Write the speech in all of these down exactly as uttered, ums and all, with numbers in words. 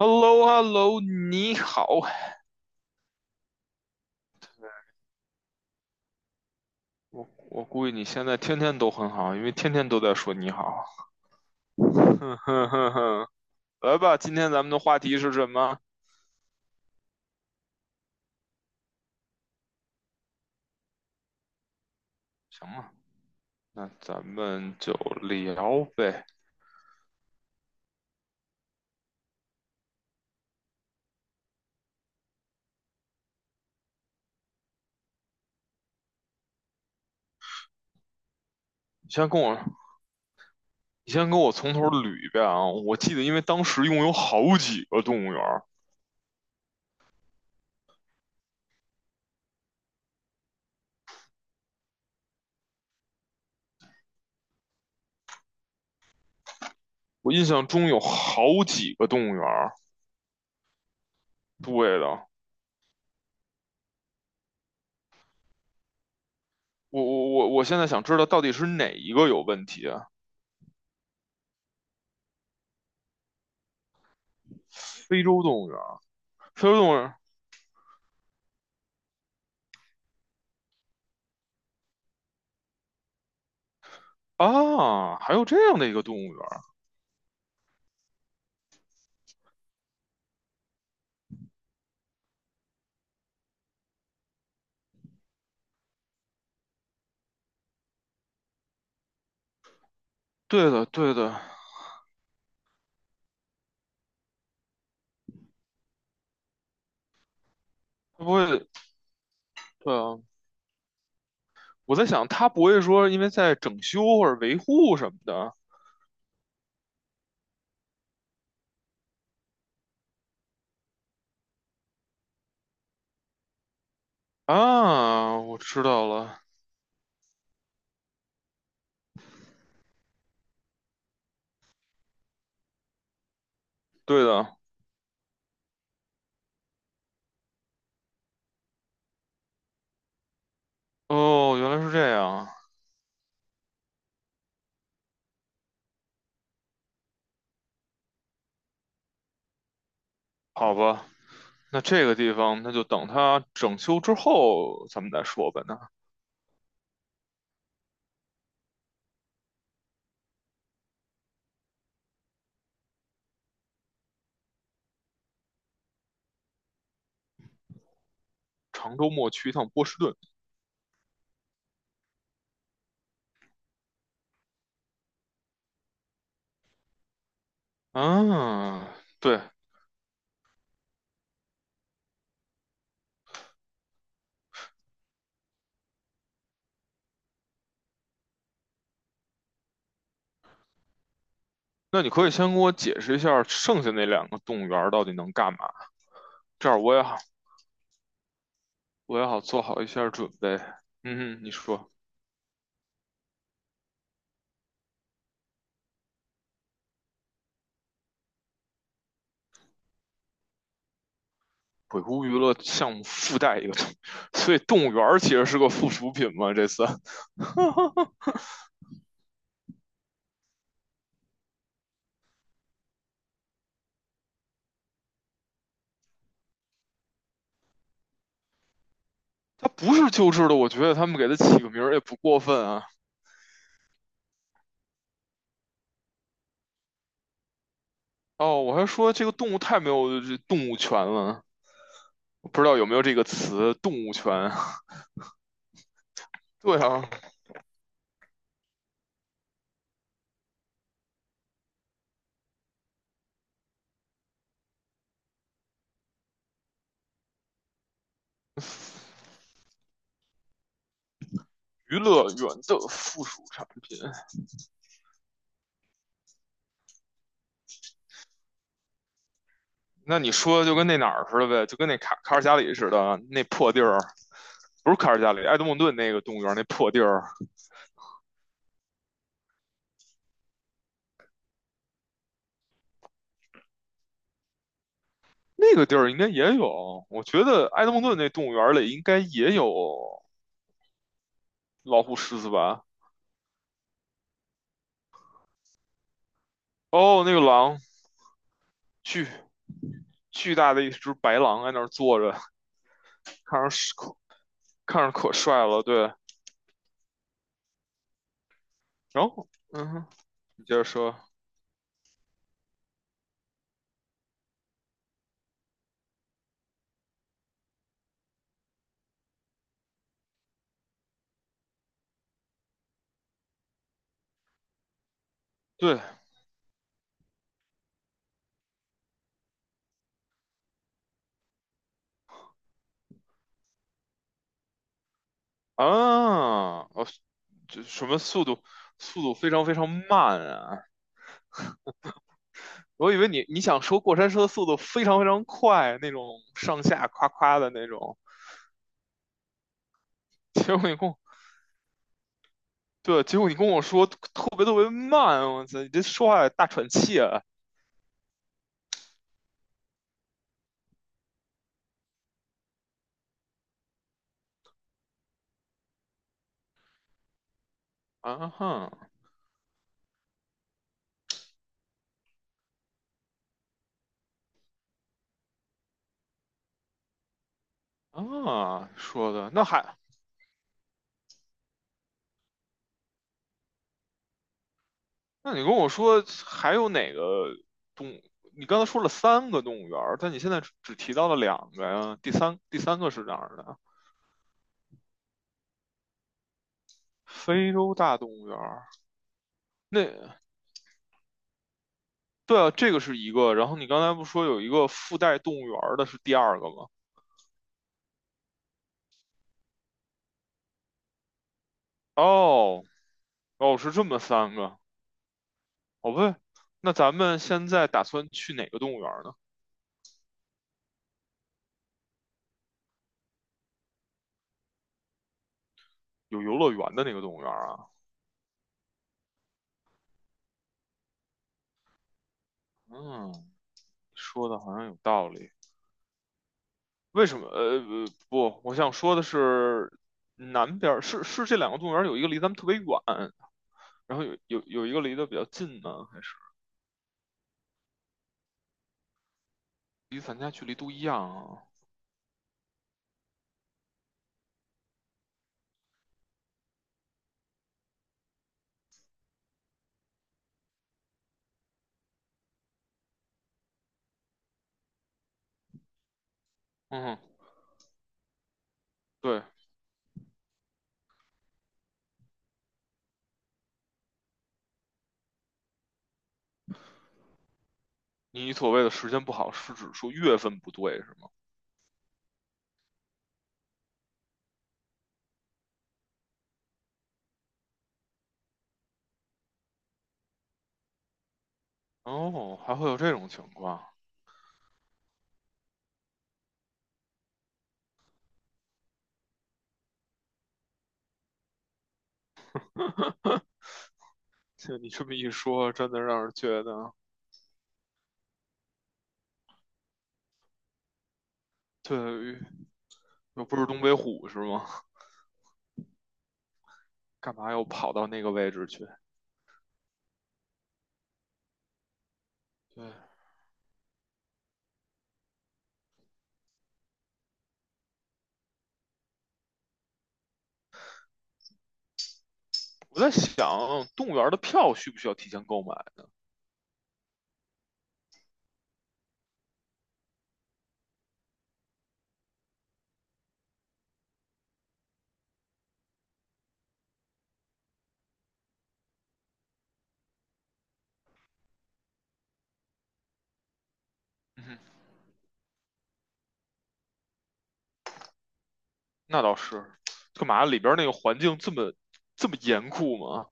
h e l l o h e l l o 你好。我我估计你现在天天都很好，因为天天都在说你好。哼哼哼哼，来吧，今天咱们的话题是什么？行了，那咱们就聊呗。你先跟我，你先跟我从头捋一遍啊。我记得，因为当时一共有好几个动物园，我印象中有好几个动物园。对的，我我我我现在想知道到底是哪一个有问题啊？非洲动物园，非洲动物园。啊，还有这样的一个动物园。对的，对的。他不会，对啊，我在想他不会说因为在整修或者维护什么的。啊，我知道了，对的。哦，原来是这样。好吧，那这个地方那就等他整修之后咱们再说吧。那长周末去一趟波士顿，啊，对。那你可以先给我解释一下剩下那两个动物园到底能干嘛，这样我也好，我也好做好一下准备。嗯哼，你说。鬼谷娱乐项目附带一个，所以动物园其实是个附属品嘛。这次它不是救治的，我觉得他们给它起个名儿也不过分啊。哦，我还说这个动物太没有动物权了，我不知道有没有这个词"动物权"。对啊，娱乐园的附属产品。那你说就跟那哪儿似的呗，就跟那卡卡尔加里似的，那破地儿，不是卡尔加里，埃德蒙顿那个动物园那破地儿，那个地儿应该也有。我觉得埃德蒙顿那动物园里应该也有老虎、狮子吧。哦，那个狼，巨巨大的一只白狼在那儿坐着，看着可看着可帅了。对，然后嗯哼，你接着说。对啊，哦，这什么速度？速度非常非常慢啊！我以为你你想说过山车速度非常非常快那种上下夸夸的那种，结果你跟我对，结果你跟我说特别特别慢，我操，你这说话大喘气啊！啊哈，啊，说的那还，那你跟我说还有哪个动？你刚才说了三个动物园儿，但你现在只只提到了两个呀。第三第三个是哪儿的？非洲大动物园儿。那对啊，这个是一个。然后你刚才不说有一个附带动物园儿的是第二个吗？哦哦，是这么三个。哦不对，那咱们现在打算去哪个动物园儿呢？有游乐园的那个动物园儿啊？嗯，说的好像有道理。为什么？呃，呃不，我想说的是，南边儿是是这两个动物园儿有一个离咱们特别远，然后有有有一个离得比较近呢，还是离咱家距离都一样啊？嗯，对，你所谓的时间不好是指说月份不对是吗？哦，还会有这种情况，这你这么一说，真的让人觉得，对，又不是东北虎是吗？干嘛要跑到那个位置去？对，我在想，动物园儿的票需不需要提前购买？嗯哼，那倒是，干嘛里边儿那个环境这么这么严酷吗？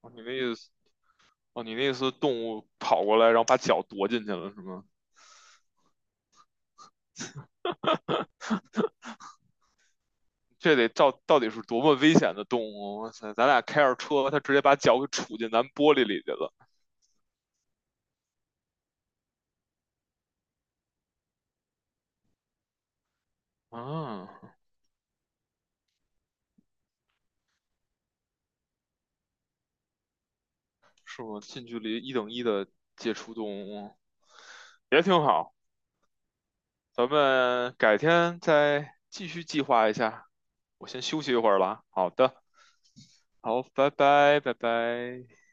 哦，你那意思，哦，你那意思，动物跑过来，然后把脚夺进去了是吗？这得到到底是多么危险的动物？哇塞，咱俩开着车，它直接把脚给杵进咱玻璃里去了。啊，是吗？近距离一等一的接触动物，也挺好。咱们改天再继续计划一下。我先休息一会儿了啊。好的，好，拜拜，拜拜。